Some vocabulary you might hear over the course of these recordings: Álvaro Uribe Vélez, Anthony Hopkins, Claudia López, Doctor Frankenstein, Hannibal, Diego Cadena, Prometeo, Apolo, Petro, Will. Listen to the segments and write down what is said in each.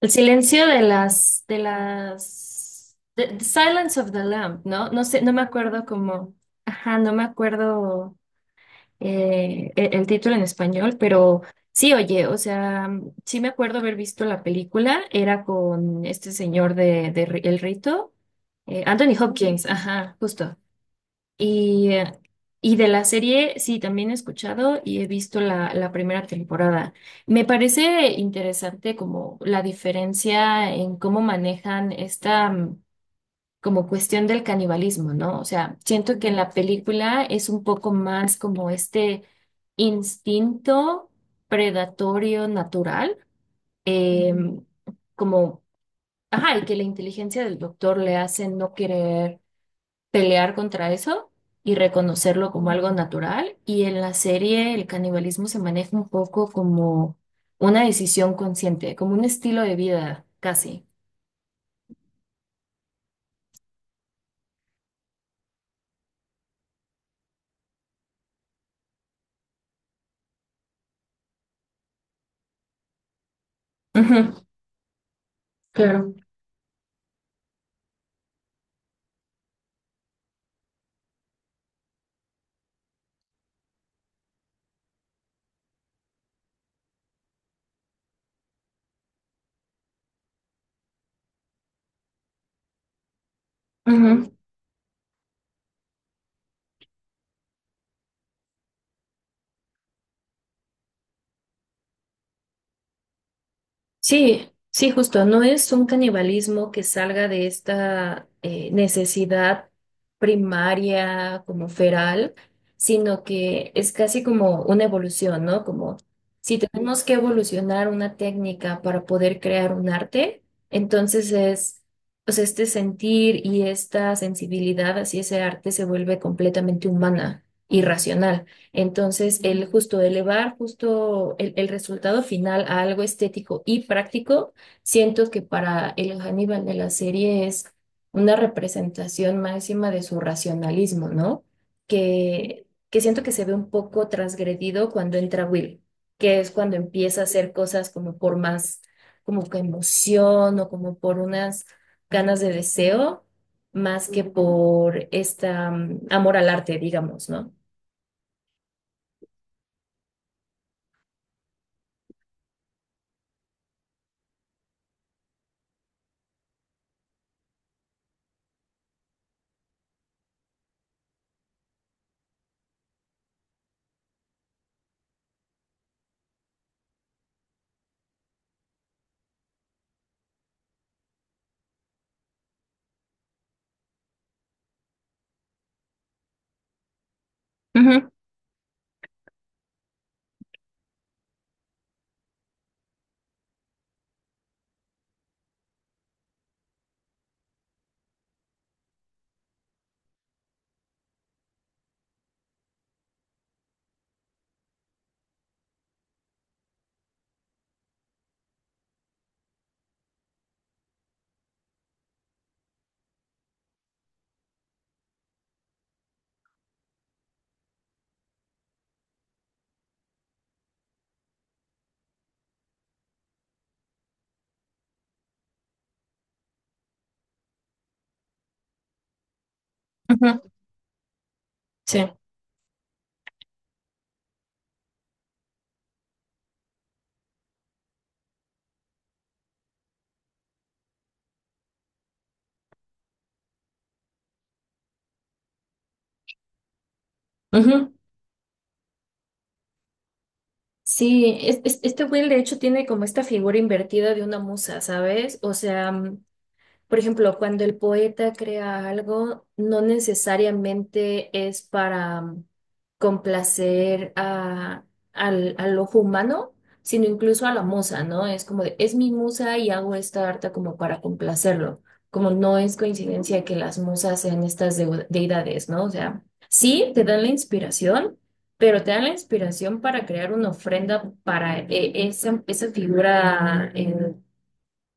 El silencio de the Silence of the Lamb, ¿no? No sé, no me acuerdo cómo, ajá, no me acuerdo título en español, pero sí, oye, o sea, sí me acuerdo haber visto la película, era con este señor de, El Rito, Anthony Hopkins, ajá, justo. Y, eh, y de la serie, sí, también he escuchado y he visto la primera temporada. Me parece interesante como la diferencia en cómo manejan esta como cuestión del canibalismo, ¿no? O sea, siento que en la película es un poco más como este instinto predatorio natural, eh, como, ajá, y que la inteligencia del doctor le hace no querer pelear contra eso y reconocerlo como algo natural. Y en la serie el canibalismo se maneja un poco como una decisión consciente, como un estilo de vida casi. Ujú, claro. Ujú. Sí, sí, justo, no es un canibalismo que salga de esta necesidad primaria como feral, sino que es casi como una evolución, ¿no? Como si tenemos que evolucionar una técnica para poder crear un arte, entonces es, pues este sentir y esta sensibilidad hacia ese arte se vuelve completamente humana y racional. Entonces, el justo elevar justo el resultado final a algo estético y práctico, siento que para el Hannibal de la serie es una representación máxima de su racionalismo, ¿no? Que siento que se ve un poco transgredido cuando entra Will, que es cuando empieza a hacer cosas como por más, como que emoción o como por unas ganas de deseo, más que por esta, mm, amor al arte, digamos, ¿no? Ujú, sí, ujú. Sí, este Will de hecho tiene como esta figura invertida de una musa, ¿sabes? O sea, por ejemplo, cuando el poeta crea algo, no necesariamente es para complacer al ojo humano, sino incluso a la musa, ¿no? Es como de, es mi musa y hago esta arte como para complacerlo. Como no es coincidencia que las musas sean estas deidades, ¿no? O sea, sí te dan la inspiración, pero te dan la inspiración para crear una ofrenda para esa figura,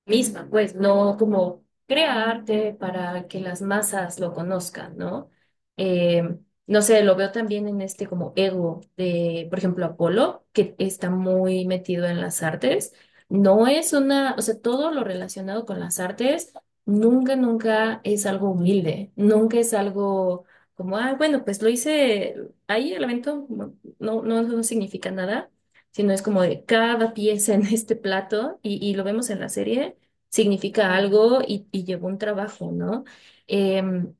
misma, pues no como crea arte para que las masas lo conozcan, ¿no? Eh, no sé, lo veo también en este como ego de, por ejemplo, Apolo, que está muy metido en las artes. No es una, o sea, todo lo relacionado con las artes nunca, nunca es algo humilde, nunca es algo como, ah, bueno, pues lo hice ahí, el evento no significa nada sino es como de cada pieza en este plato, y lo vemos en la serie, significa algo y llevó un trabajo, ¿no? Em,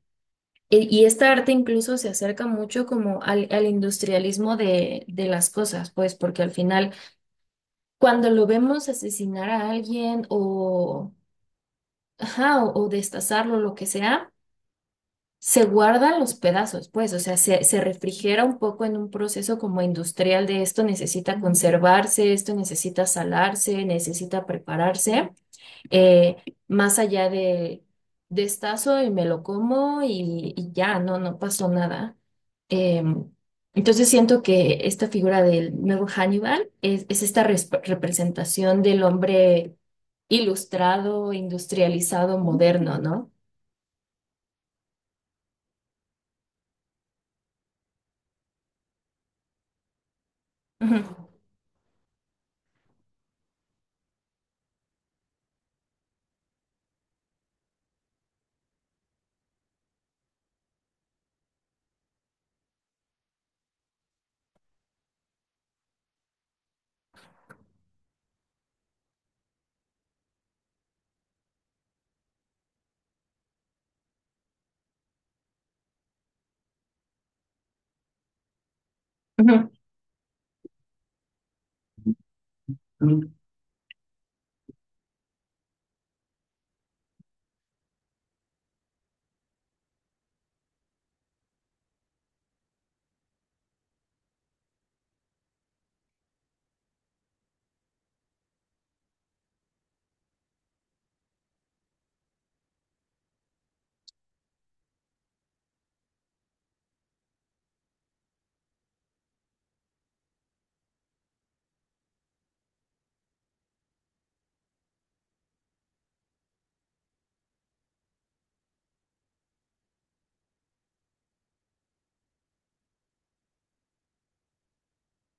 y esta arte incluso se acerca mucho como al industrialismo de las cosas, pues, porque al final, cuando lo vemos asesinar a alguien o, ajá, o destazarlo, lo que sea, se guardan los pedazos, pues, o sea, se refrigera un poco en un proceso como industrial de esto necesita ujú conservarse, esto necesita salarse, necesita prepararse. eh, Más allá de destazo y me lo como y ya, no pasó nada. Em, entonces siento que esta figura del nuevo Hannibal es esta representación del hombre ilustrado, industrializado, moderno, ¿no? Ujú. Ujú,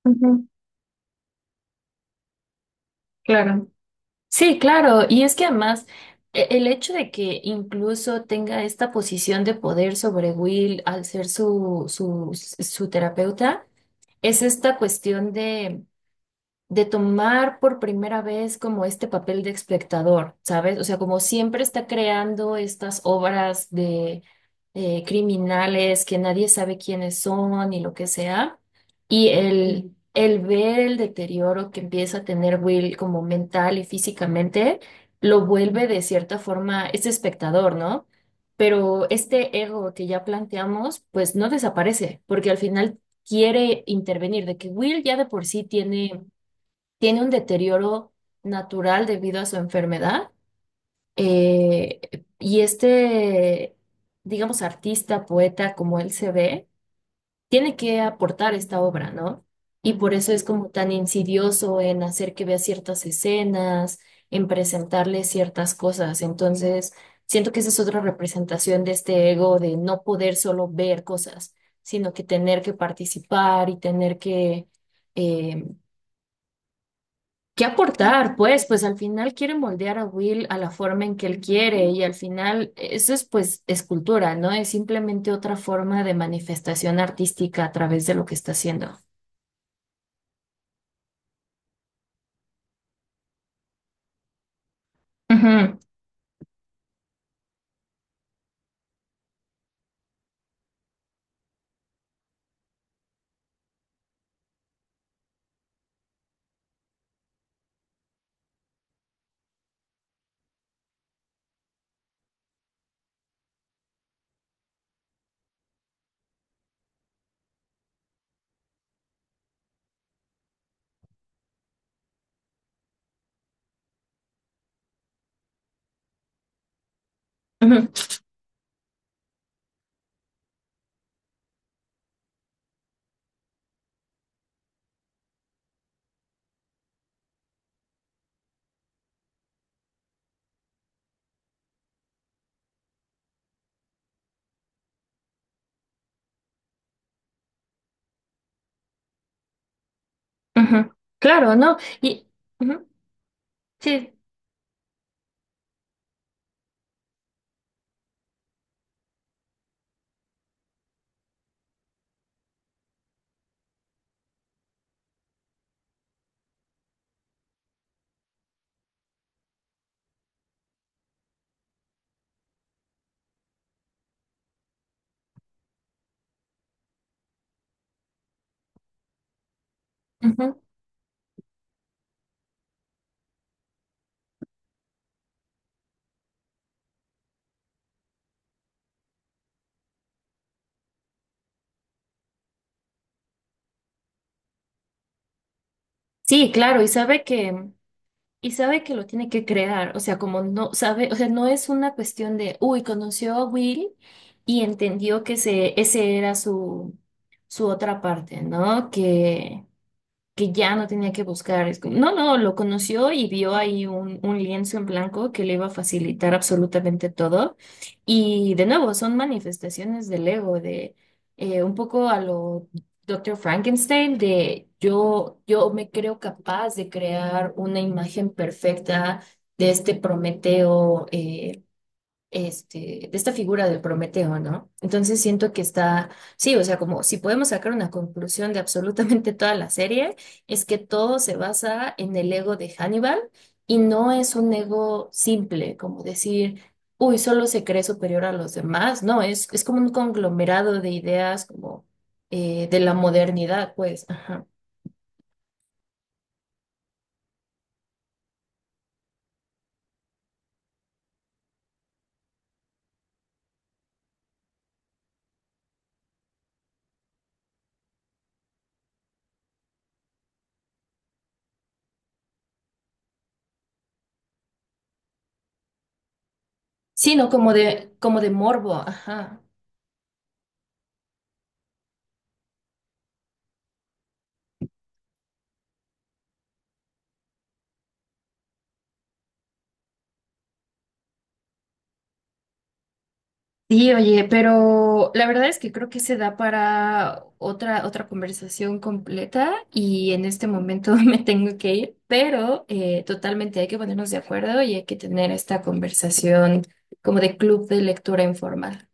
ujú, claro. Sí, claro, y es que además el hecho de que incluso tenga esta posición de poder sobre Will al ser su terapeuta, es esta cuestión de tomar por primera vez como este papel de espectador, ¿sabes? O sea, como siempre está creando estas obras de criminales que nadie sabe quiénes son y lo que sea, y el ver el deterioro que empieza a tener Will como mental y físicamente, lo vuelve de cierta forma este espectador, ¿no? Pero este ego que ya planteamos, pues no desaparece, porque al final quiere intervenir, de que Will ya de por sí tiene un deterioro natural debido a su enfermedad. eh, y este, digamos, artista, poeta, como él se ve, tiene que aportar esta obra, ¿no? Y por eso es como tan insidioso en hacer que vea ciertas escenas, en presentarle ciertas cosas. Entonces, siento que esa es otra representación de este ego de no poder solo ver cosas, sino que tener que participar y tener que... em, ¿Qué aportar? Pues, pues al final quieren moldear a Will a la forma en que él quiere y al final eso es pues escultura, ¿no? Es simplemente otra forma de manifestación artística a través de lo que está haciendo. Ujú, ujú, ujú. Claro, ¿no? Y ujú, sí, ujú. Sí, claro, y sabe que lo tiene que crear, o sea, como no sabe, o sea, no es una cuestión de, uy, conoció a Will y entendió que ese era su otra parte, ¿no? Que ya no tenía que buscar. Es como- no, no, lo conoció y vio ahí un lienzo en blanco que le iba a facilitar absolutamente todo. Y de nuevo, son manifestaciones del ego, de un poco a lo Doctor Frankenstein, de yo me creo capaz de crear una imagen perfecta de este Prometeo de esta figura de Prometeo, ¿no? Entonces siento que está, sí, o sea, como si podemos sacar una conclusión de absolutamente toda la serie, es que todo se basa en el ego de Hannibal y no es un ego simple, como decir, uy, solo se cree superior a los demás, no, es como un conglomerado de ideas como de la modernidad, pues, ajá. Sí, no, como de morbo, ajá. Sí, oye, pero la verdad es que creo que se da para otra conversación completa y en este momento me tengo que ir, pero totalmente hay que ponernos de acuerdo y hay que tener esta conversación como de club de lectura informal.